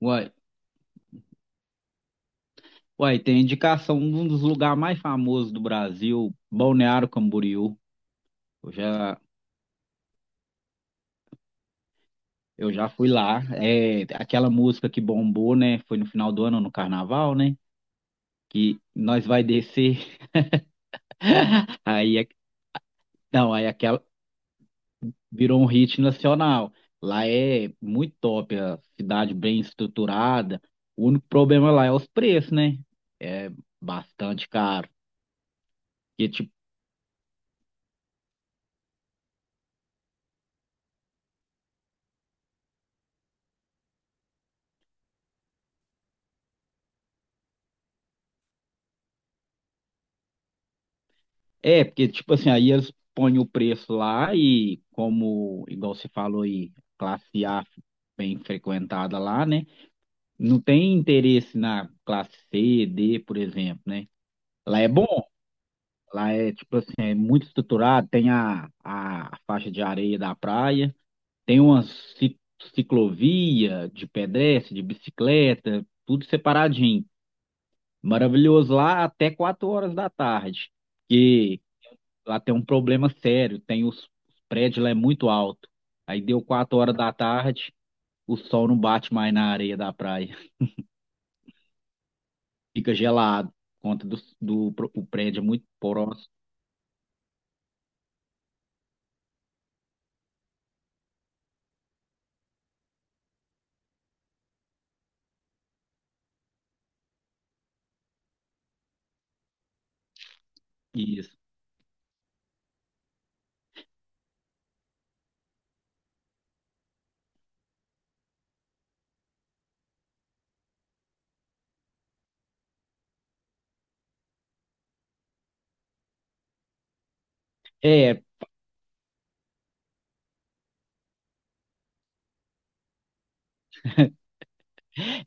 Uai, uai, tem indicação de um dos lugares mais famosos do Brasil, Balneário Camboriú. Eu já, eu já fui lá. É aquela música que bombou, né? Foi no final do ano, no carnaval, né? Que nós vai descer. Aí, é- não, aí aquela virou um hit nacional. Lá é muito top, a cidade bem estruturada. O único problema lá é os preços, né? É bastante caro. Porque, tipo porque, tipo assim, aí eles põem o preço lá e, como, igual você falou aí, classe A bem frequentada lá, né? Não tem interesse na classe C, D, por exemplo, né? Lá é bom, lá é, tipo assim, é muito estruturado, tem a faixa de areia da praia, tem uma ci- ciclovia de pedestre, de bicicleta, tudo separadinho. Maravilhoso lá até 4 horas da tarde. Lá tem um problema sério, tem os prédios lá é muito alto. Aí deu 4 horas da tarde, o sol não bate mais na areia da praia, fica gelado, por conta o prédio é muito próximo. Isso. É,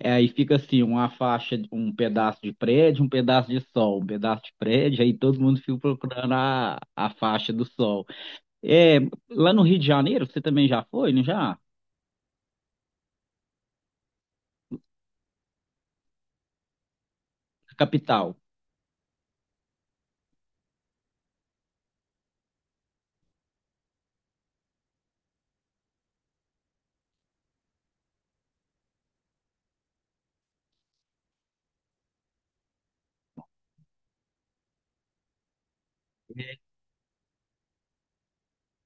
aí fica assim, uma faixa, um pedaço de prédio, um pedaço de sol, um pedaço de prédio, aí todo mundo fica procurando a faixa do sol. É, lá no Rio de Janeiro, você também já foi, não já? Capital.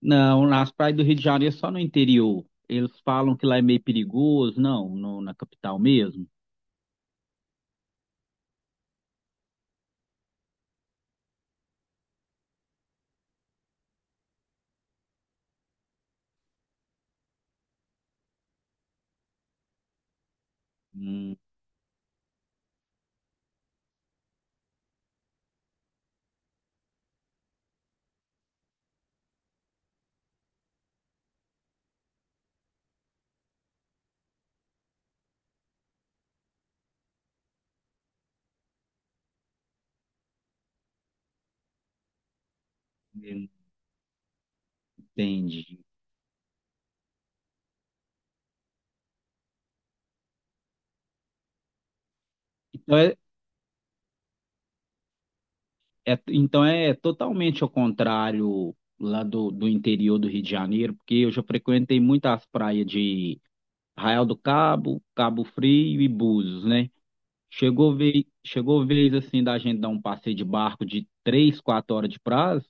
Não, nas praias do Rio de Janeiro é só no interior. Eles falam que lá é meio perigoso, na capital mesmo. Hum, entendi. Então é, então é totalmente ao contrário lá do interior do Rio de Janeiro, porque eu já frequentei muitas praias de Arraial do Cabo, Cabo Frio e Búzios, né? Chegou vez assim da gente dar um passeio de barco de 3, 4 horas de prazo,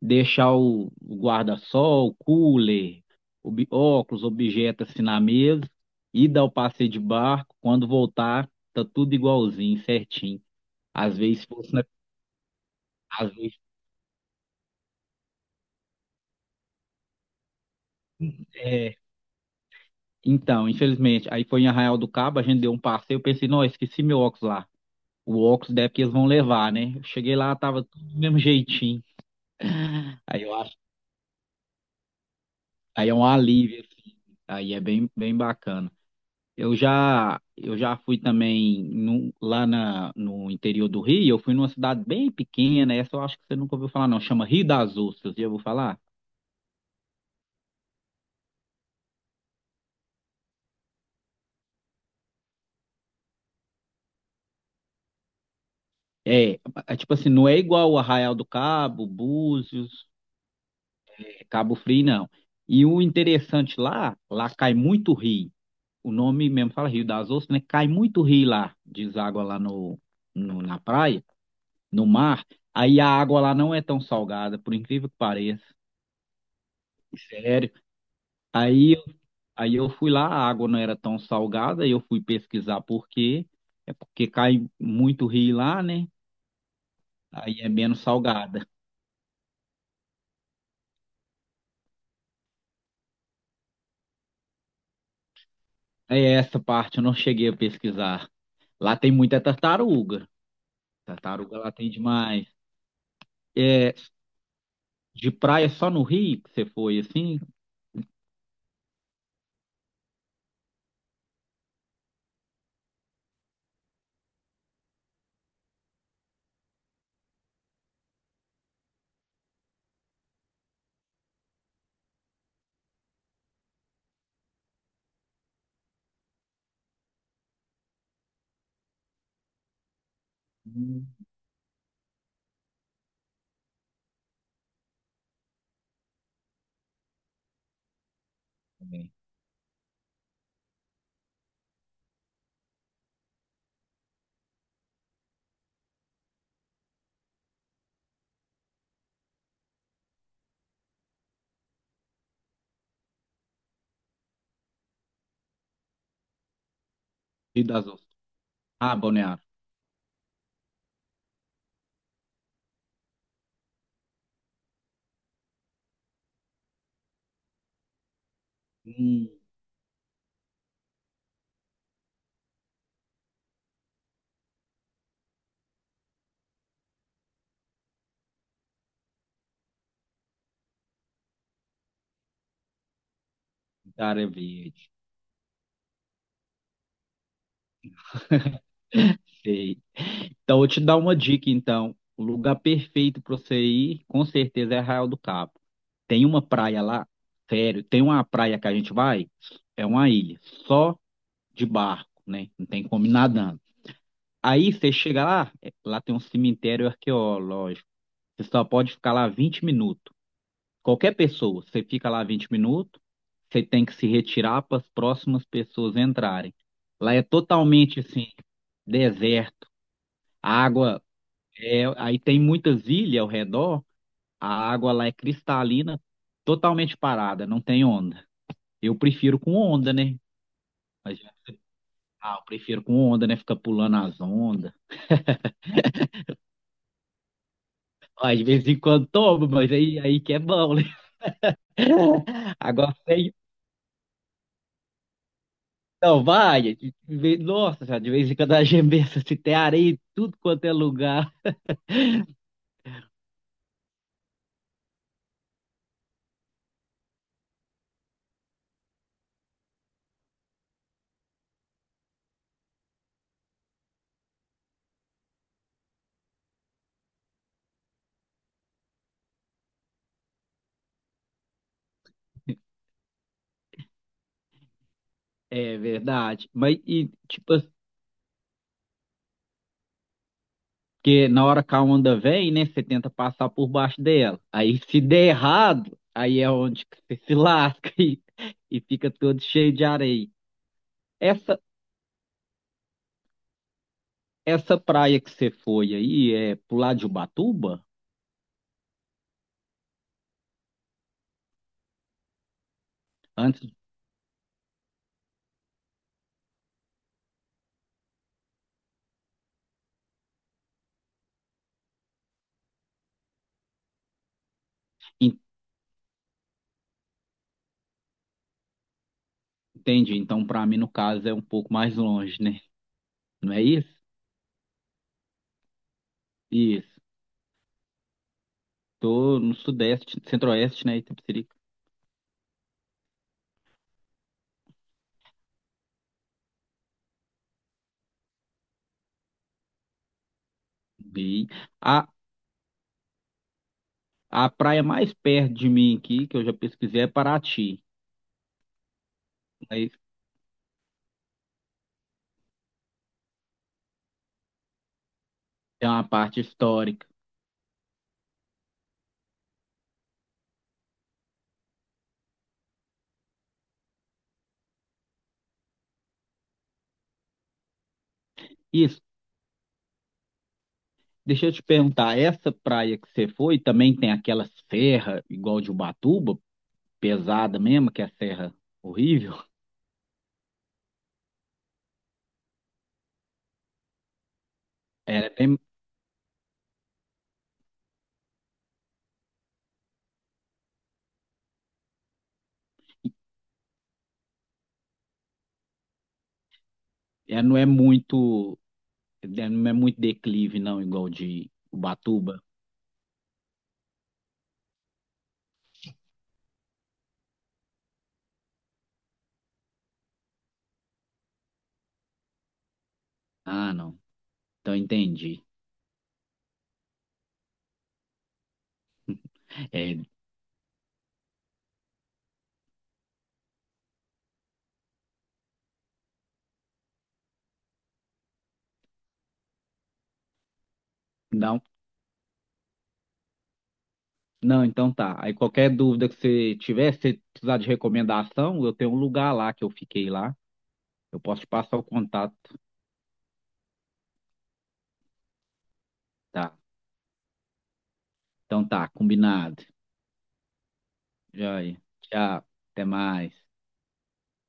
deixar o guarda-sol, o cooler, óculos, objeto assim na mesa e dar o passeio de barco. Quando voltar, tá tudo igualzinho, certinho. Às vezes fosse na, às vezes, é, então, infelizmente, aí foi em Arraial do Cabo, a gente deu um passeio, eu pensei, não, eu esqueci meu óculos lá. O óculos deve que eles vão levar, né? Eu cheguei lá, tava tudo do mesmo jeitinho. Aí eu Aí é um alívio, assim. Aí é bem, bem bacana. Eu já fui também lá na, no interior do Rio, eu fui numa cidade bem pequena, essa eu acho que você nunca ouviu falar, não. Chama Rio das Ostras, já ouviu falar? É, é tipo assim, não é igual o Arraial do Cabo, Búzios, Cabo Frio, não. E o interessante lá, lá cai muito rio. O nome mesmo fala Rio das Ostras, né? Cai muito rio lá, deságua lá no, no- na praia. No mar, aí a água lá não é tão salgada, por incrível que pareça. Sério. Aí, eu- aí eu fui lá, a água não era tão salgada, e eu fui pesquisar por quê. É porque cai muito rio lá, né? Aí é menos salgada. É essa parte eu não cheguei a pesquisar. Lá tem muita tartaruga. Tartaruga lá tem demais. É, de praia só no Rio que você foi assim? Hum, também. Rio das Ostras. Ah, Balneário. Hum, área verde. Sei. Então, eu vou te dar uma dica, então. O lugar perfeito para você ir, com certeza, é Arraial do Cabo. Tem uma praia lá, sério, tem uma praia que a gente vai, é uma ilha, só de barco, né? Não tem como ir nadando. Aí você chega lá, lá tem um cemitério arqueológico. Você só pode ficar lá 20 minutos. Qualquer pessoa, você fica lá 20 minutos, você tem que se retirar para as próximas pessoas entrarem. Lá é totalmente assim, deserto, água é, aí tem muitas ilhas ao redor, a água lá é cristalina, totalmente parada, não tem onda. Eu prefiro com onda, né? Mas, ah, eu prefiro com onda, né? Fica pulando as ondas. Ah, de vez em quando toma, mas aí que é bom, né? Agora sem. Não, vai. Nossa, já de vez em quando a gente pensa se tem areia em tudo quanto é lugar. É verdade. Porque na hora que a onda vem, né, você tenta passar por baixo dela. Aí se der errado, aí é onde que você se lasca e fica todo cheio de areia. Essa essa praia que você foi aí é pro lado de Ubatuba? Antes, entende? Então, para mim, no caso, é um pouco mais longe, né? Não é isso? Isso. Tô no sudeste, centro-oeste, né, Itapecerica. E a, a praia mais perto de mim aqui, que eu já pesquisei, é Paraty. Mas é uma parte histórica. Isso, deixa eu te perguntar, essa praia que você foi também tem aquela serra igual de Ubatuba, pesada mesmo, que é a serra horrível? É, tem- é, não é muito, é, não é muito declive não, igual de Ubatuba. Ah, não. Então entendi. É, não, não, então tá. Aí qualquer dúvida que você tiver, se você precisar de recomendação, eu tenho um lugar lá que eu fiquei lá. Eu posso te passar o contato, tá? Então tá, combinado. Joia. Tchau. Até mais.